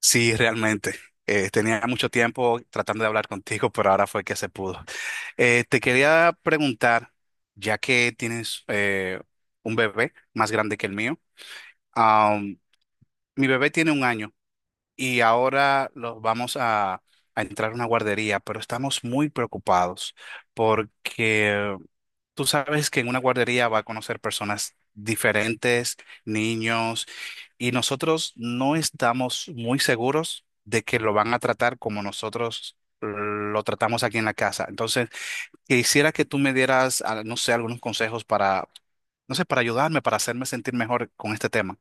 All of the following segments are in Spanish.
Sí, realmente. Tenía mucho tiempo tratando de hablar contigo, pero ahora fue que se pudo. Te quería preguntar, ya que tienes un bebé más grande que el mío, am, mi bebé tiene un año y ahora lo vamos a entrar a una guardería, pero estamos muy preocupados porque tú sabes que en una guardería va a conocer personas diferentes, niños, y nosotros no estamos muy seguros de que lo van a tratar como nosotros lo tratamos aquí en la casa. Entonces, quisiera que tú me dieras, no sé, algunos consejos para, no sé, para ayudarme, para hacerme sentir mejor con este tema.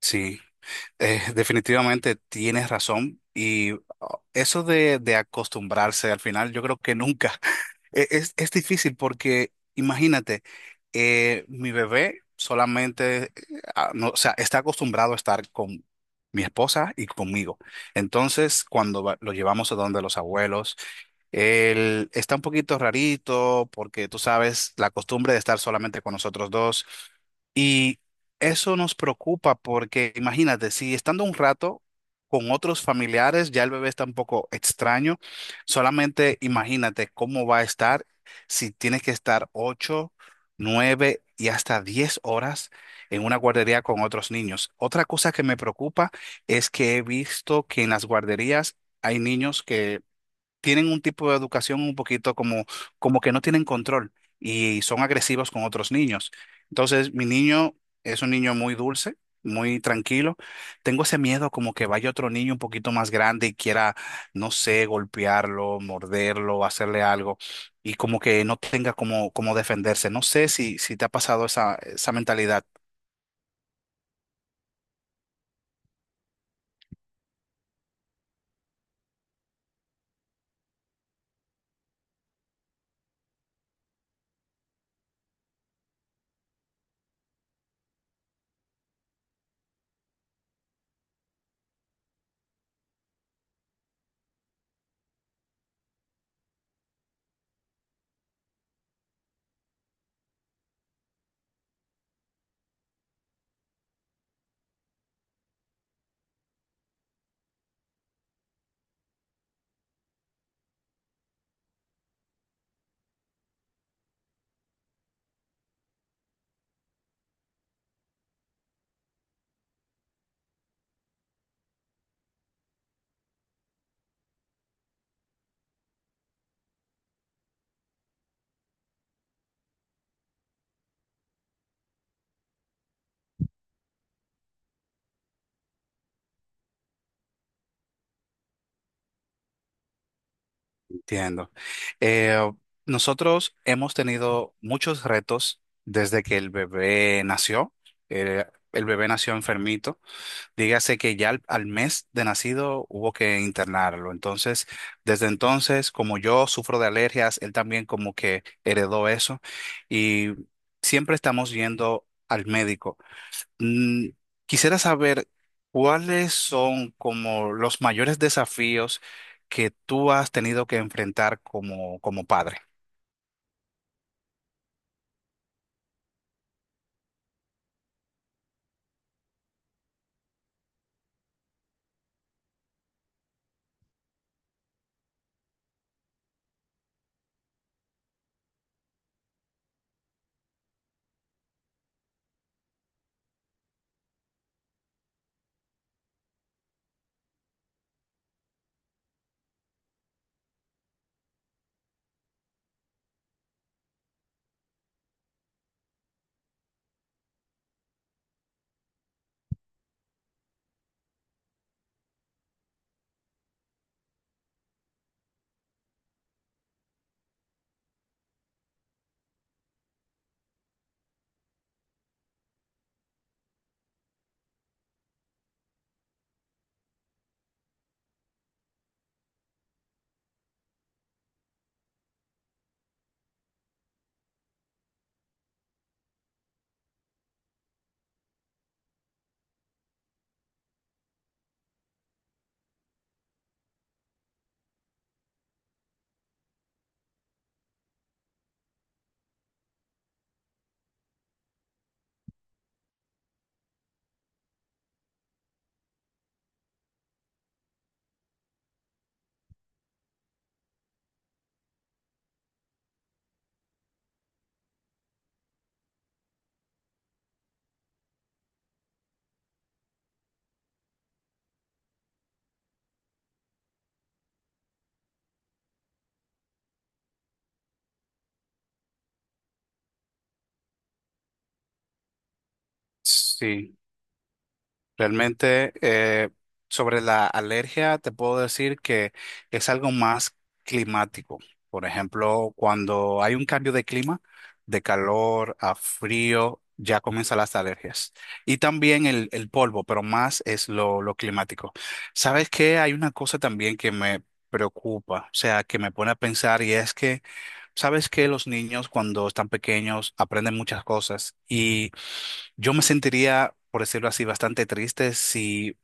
Sí. Definitivamente tienes razón y oh, eso de acostumbrarse al final. Yo creo que nunca es difícil porque imagínate, mi bebé solamente, no, o sea, está acostumbrado a estar con mi esposa y conmigo. Entonces, cuando lo llevamos a donde los abuelos, él está un poquito rarito porque tú sabes la costumbre de estar solamente con nosotros dos. Y eso nos preocupa porque imagínate, si estando un rato con otros familiares ya el bebé está un poco extraño, solamente imagínate cómo va a estar si tienes que estar 8, 9 y hasta 10 horas en una guardería con otros niños. Otra cosa que me preocupa es que he visto que en las guarderías hay niños que tienen un tipo de educación un poquito como, como que no tienen control y son agresivos con otros niños. Entonces, mi niño es un niño muy dulce, muy tranquilo. Tengo ese miedo como que vaya otro niño un poquito más grande y quiera, no sé, golpearlo, morderlo, hacerle algo y como que no tenga como defenderse. No sé si te ha pasado esa mentalidad. Entiendo. Eh, Nosotros hemos tenido muchos retos desde que el bebé nació. Eh, el bebé nació enfermito. Dígase que ya al mes de nacido hubo que internarlo. Entonces, desde entonces, como yo sufro de alergias, él también como que heredó eso. Y siempre estamos yendo al médico. Mm, Quisiera saber cuáles son como los mayores desafíos que tú has tenido que enfrentar como, como padre. Sí. Realmente, sobre la alergia, te puedo decir que es algo más climático. Por ejemplo, cuando hay un cambio de clima, de calor a frío, ya comienzan las alergias. Y también el polvo, pero más es lo climático. ¿Sabes qué? Hay una cosa también que me preocupa, o sea, que me pone a pensar, y es que sabes que los niños cuando están pequeños aprenden muchas cosas y yo me sentiría, por decirlo así, bastante triste si,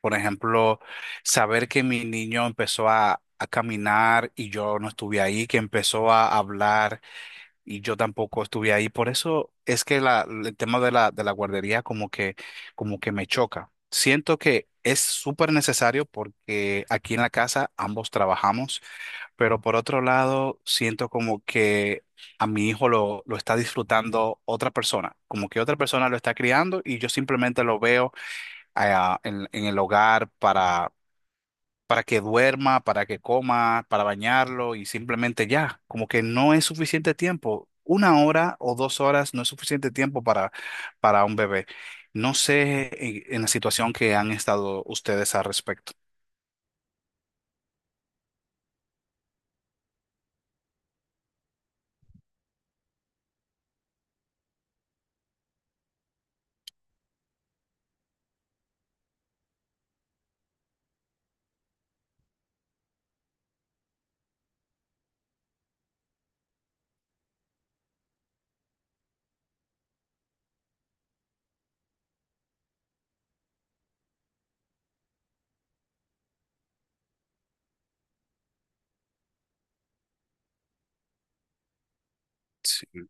por ejemplo, saber que mi niño empezó a caminar y yo no estuve ahí, que empezó a hablar y yo tampoco estuve ahí. Por eso es que el tema de la guardería como que me choca. Siento que es súper necesario porque aquí en la casa ambos trabajamos. Pero por otro lado, siento como que a mi hijo lo está disfrutando otra persona, como que otra persona lo está criando y yo simplemente lo veo ah, en el hogar para, que duerma, para que coma, para bañarlo, y simplemente ya, como que no es suficiente tiempo. Una hora o 2 horas no es suficiente tiempo para un bebé. No sé en la situación que han estado ustedes al respecto. Sí.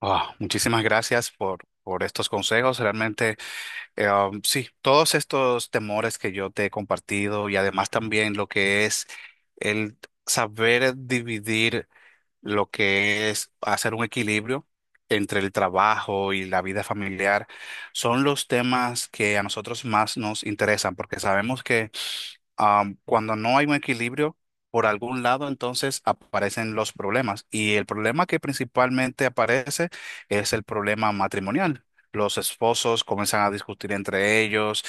Ah, muchísimas gracias por estos consejos. Realmente. Sí, todos estos temores que yo te he compartido, y además también lo que es el saber dividir, lo que es hacer un equilibrio entre el trabajo y la vida familiar, son los temas que a nosotros más nos interesan porque sabemos que, cuando no hay un equilibrio por algún lado, entonces aparecen los problemas. Y el problema que principalmente aparece es el problema matrimonial. Los esposos comienzan a discutir entre ellos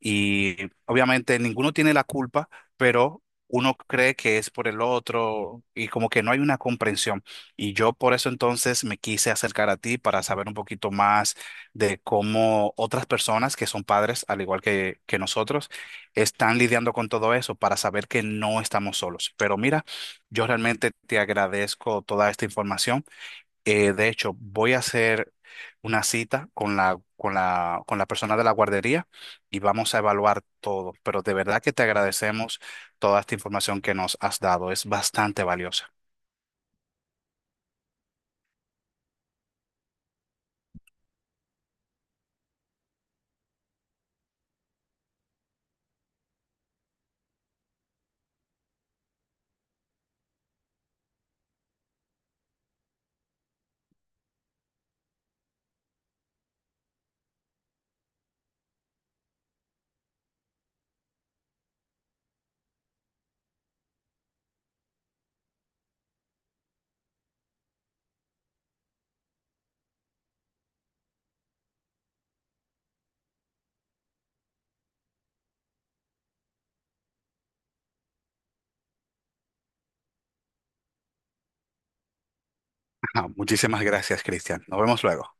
y obviamente ninguno tiene la culpa, pero uno cree que es por el otro y como que no hay una comprensión. Y yo por eso entonces me quise acercar a ti para saber un poquito más de cómo otras personas que son padres, al igual que nosotros, están lidiando con todo eso, para saber que no estamos solos. Pero mira, yo realmente te agradezco toda esta información. De hecho, voy a hacer una cita con la, persona de la guardería y vamos a evaluar todo. Pero de verdad que te agradecemos toda esta información que nos has dado. Es bastante valiosa. Muchísimas gracias, Cristian. Nos vemos luego.